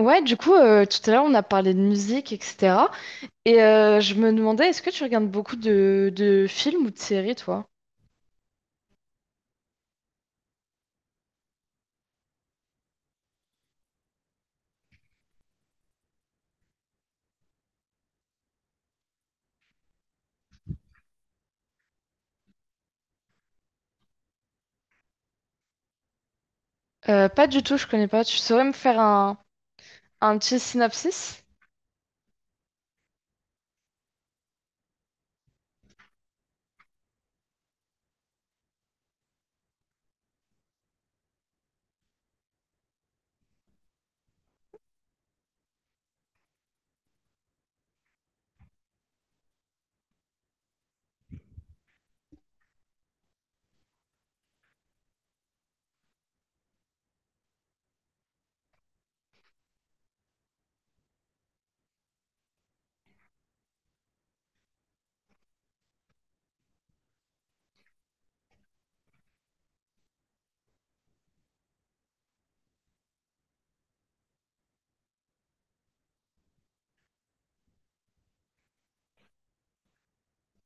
Ouais, du coup, tout à l'heure, on a parlé de musique, etc. Je me demandais, est-ce que tu regardes beaucoup de films ou de séries, toi? Pas du tout, je connais pas. Tu saurais me faire un petit synopsis?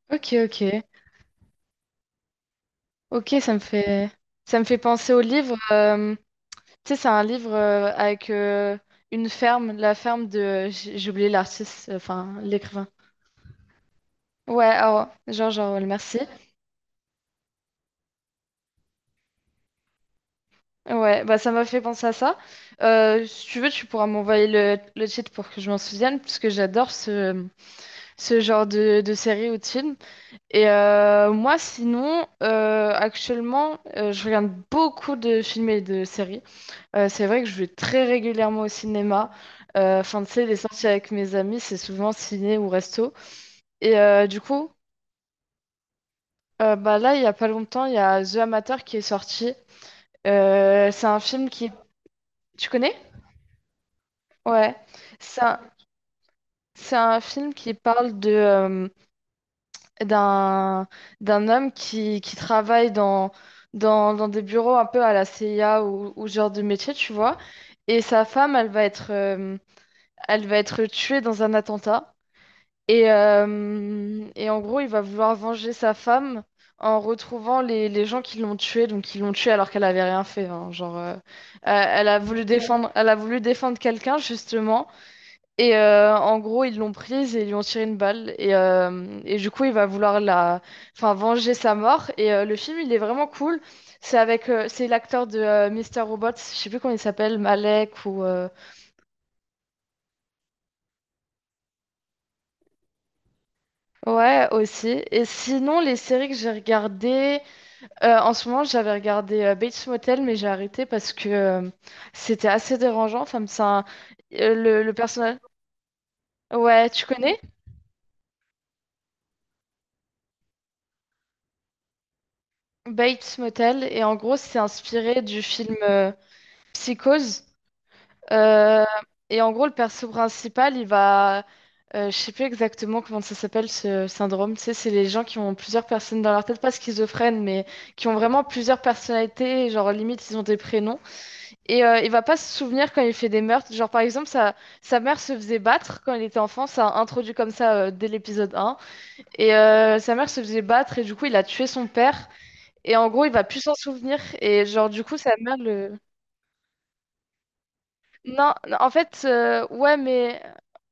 Ok, ok. Ok, ça me fait penser au livre. Tu sais, c'est un livre avec une ferme, la ferme de... J'ai oublié l'artiste, enfin, l'écrivain. Ouais, alors, George Orwell, merci. Ouais, bah ça m'a fait penser à ça. Si tu veux, tu pourras m'envoyer le titre pour que je m'en souvienne, parce que j'adore ce genre de série ou de film. Moi, sinon, actuellement, je regarde beaucoup de films et de séries. C'est vrai que je vais très régulièrement au cinéma. Enfin, tu sais, les sorties avec mes amis, c'est souvent ciné ou resto. Et euh, du coup, Bah là, il y a pas longtemps, il y a The Amateur qui est sorti. C'est un film qui... Tu connais? Ouais. Ça... C'est un film qui parle de d'un d'un homme qui travaille dans des bureaux un peu à la CIA ou ce genre de métier, tu vois. Et sa femme, elle va être tuée dans un attentat. Et en gros, il va vouloir venger sa femme en retrouvant les gens qui l'ont tuée, donc qui l'ont tuée alors qu'elle avait rien fait, hein, genre, elle a voulu défendre quelqu'un justement. En gros, ils l'ont prise et ils lui ont tiré une balle. Et du coup, il va vouloir la... enfin, venger sa mort. Le film, il est vraiment cool. C'est avec, c'est l'acteur de Mr. Robot, je sais plus comment il s'appelle, Malek ou... Ouais, aussi. Et sinon, les séries que j'ai regardées... en ce moment, j'avais regardé Bates Motel, mais j'ai arrêté parce que c'était assez dérangeant. Enfin, le personnage... Ouais, tu connais? Bates Motel. Et en gros, c'est inspiré du film Psychose. Euh, et en gros, le perso principal, il va. Je sais plus exactement comment ça s'appelle ce syndrome. Tu sais, c'est les gens qui ont plusieurs personnes dans leur tête, pas schizophrènes, mais qui ont vraiment plusieurs personnalités. Genre, limite, ils ont des prénoms. Il va pas se souvenir quand il fait des meurtres. Genre, par exemple, sa mère se faisait battre quand il était enfant. Ça a introduit comme ça dès l'épisode un. Sa mère se faisait battre et du coup, il a tué son père. Et en gros, il va plus s'en souvenir. Et genre, du coup, sa mère le. Non, non, en fait, ouais, mais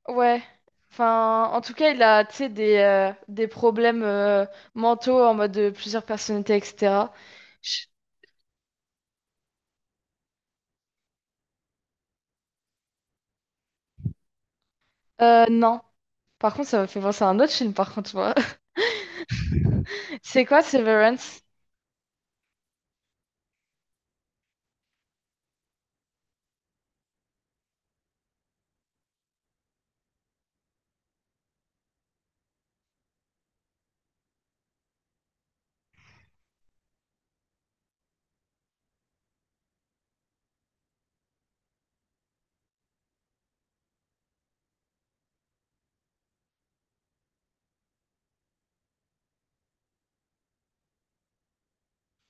ouais. Enfin, en tout cas, il a, tu sais, des problèmes mentaux en mode de plusieurs personnalités, etc. Je- non. Par contre, ça m'a fait penser à un autre film, par contre, moi. C'est quoi, Severance?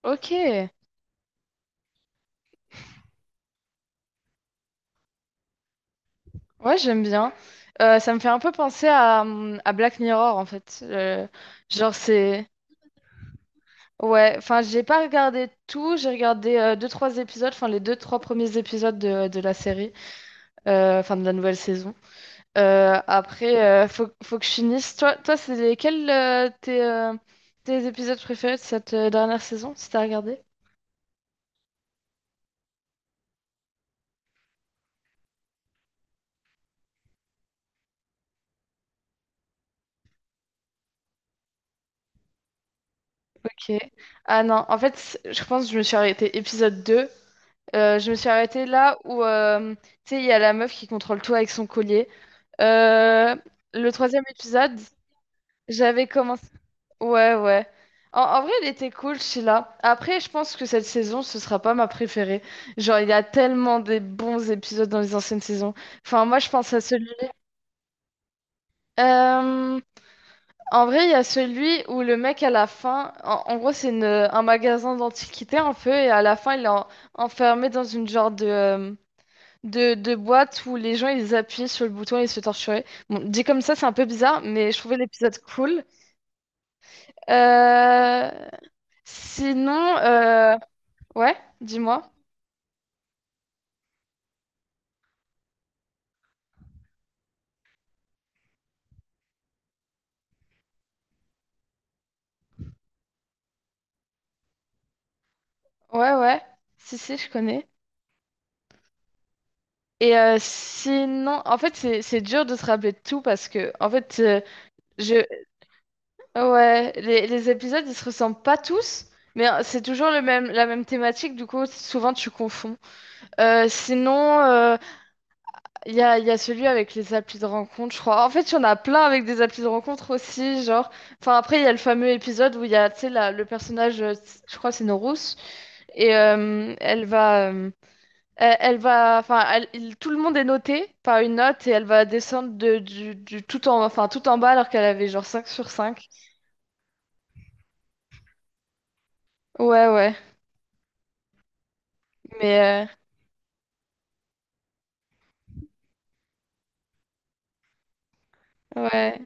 Ok. Ouais, j'aime bien. Ça me fait un peu penser à Black Mirror, en fait. Genre, c'est... Ouais, enfin, j'ai pas regardé tout. J'ai regardé deux, trois épisodes, enfin, les deux, trois premiers épisodes de la série, enfin de la nouvelle saison. Après, faut que je finisse. Toi c'est lesquels tes épisodes préférés de cette dernière saison, si t'as regardé? Ok. Ah non, en fait, je pense que je me suis arrêtée épisode deux. Je me suis arrêtée là où, tu sais, il y a la meuf qui contrôle tout avec son collier. Euh, le troisième épisode. J'avais commencé. Ouais, ouais. En, en vrai, elle était cool, Sheila. Après, je pense que cette saison, ce sera pas ma préférée. Genre, il y a tellement des bons épisodes dans les anciennes saisons. Enfin, moi, je pense à celui. Euh, En vrai, il y a celui où le mec, à la fin, en, en gros, un magasin d'antiquités un peu, et à la fin, enfermé dans une genre de, de boîte où les gens, ils appuyaient sur le bouton et ils se torturaient. Bon, dit comme ça, c'est un peu bizarre, mais je trouvais l'épisode cool. Euh, Sinon, ouais, dis-moi. Ouais, ouais. Si, si, je connais. Sinon, en fait, c'est dur de se rappeler de tout parce que, en fait, je, ouais, les épisodes, ils se ressemblent pas tous, mais c'est toujours la même thématique, du coup, souvent tu confonds. Euh, sinon, euh, il y a celui avec les applis de rencontre, je crois. En fait, il y en a plein avec des applis de rencontre aussi, genre. Enfin, après, il y a le fameux épisode où il y a, tu sais, le personnage, je crois, que c'est Norus. Et euh, elle va, euh, elle, enfin, tout le monde est noté par une note et elle va descendre du tout en, enfin, tout en bas alors qu'elle avait genre 5 sur cinq. Ouais, ouais, mais ouais,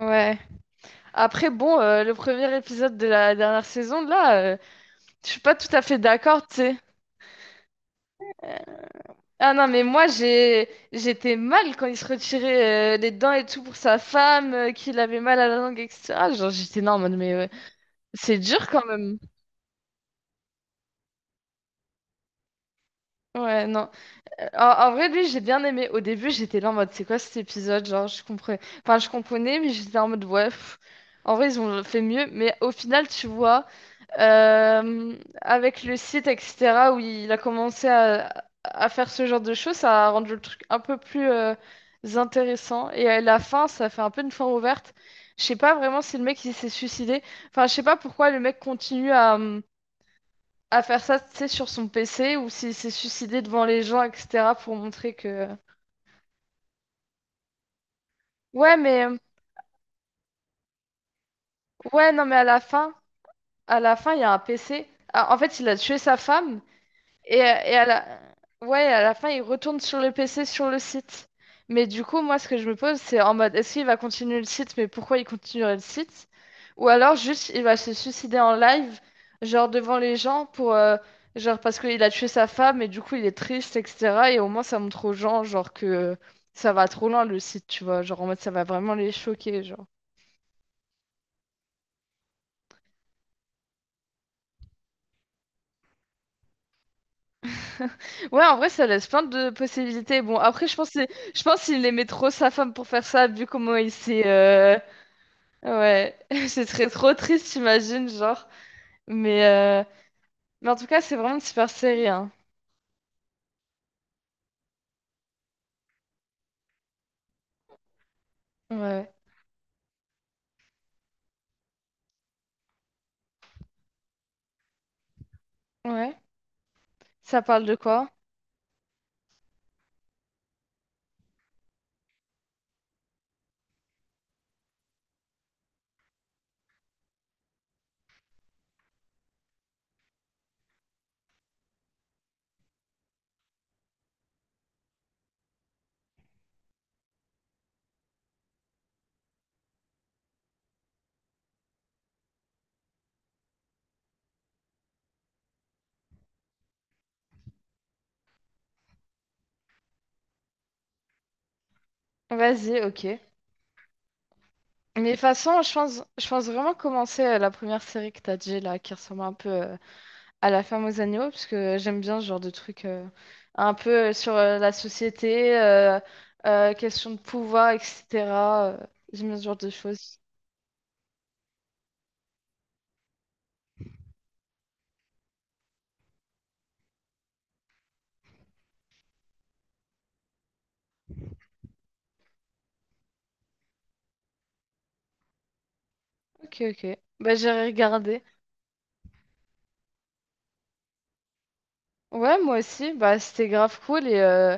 ouais. Après, bon, le premier épisode de la dernière saison, là, je suis pas tout à fait d'accord, tu sais. Euh, Ah non, mais moi, j'ai, j'étais mal quand il se retirait les dents et tout pour sa femme, qu'il avait mal à la langue, etc. Genre, j'étais non, en mode, mais ouais, c'est dur quand même. Ouais, non. En, en vrai, lui, j'ai bien aimé. Au début, j'étais là en mode, c'est quoi cet épisode? Genre, je comprenais. Enfin, je comprenais, mais j'étais en mode, ouais. Pff. En vrai, ils ont fait mieux. Mais au final, tu vois, euh, avec le site, etc., où il a commencé à faire ce genre de choses, ça a rendu le truc un peu plus intéressant. Et à la fin, ça fait un peu une fin ouverte. Je sais pas vraiment si le mec il s'est suicidé. Enfin, je sais pas pourquoi le mec continue à faire ça, tu sais, sur son PC ou s'il s'est suicidé devant les gens, etc. pour montrer que... Ouais, mais... Ouais, non, mais à la fin, il y a un PC. Ah, en fait, il a tué sa femme. Et à la... Ouais, à la fin, il retourne sur le PC, sur le site. Mais du coup, moi, ce que je me pose, c'est en mode, est-ce qu'il va continuer le site, mais pourquoi il continuerait le site? Ou alors, juste, il va se suicider en live, genre devant les gens, pour, genre parce qu'il a tué sa femme, et du coup, il est triste, etc. Et au moins, ça montre aux gens, genre, que ça va trop loin, le site, tu vois. Genre, en mode, ça va vraiment les choquer, genre. Ouais, en vrai, ça laisse plein de possibilités. Bon, après, je pense qu'il aimait trop sa femme pour faire ça, vu comment il s'est Ouais, ce serait trop triste, j'imagine, genre. Mais, en tout cas, c'est vraiment une super série, hein. Ouais, ouais. Ça parle de quoi? Vas-y, ok. Mais de toute façon, je pense vraiment commencer la première série que t'as dit, là, qui ressemble un peu à La femme aux agneaux, parce que j'aime bien ce genre de truc un peu sur la société, question de pouvoir, etc. euh, J'aime bien ce genre de choses. Ok, ok. Bah, j'ai regardé. Ouais, moi aussi, bah, c'était grave cool et...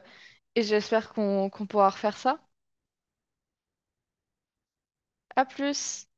Et j'espère qu'on pourra refaire ça. À plus!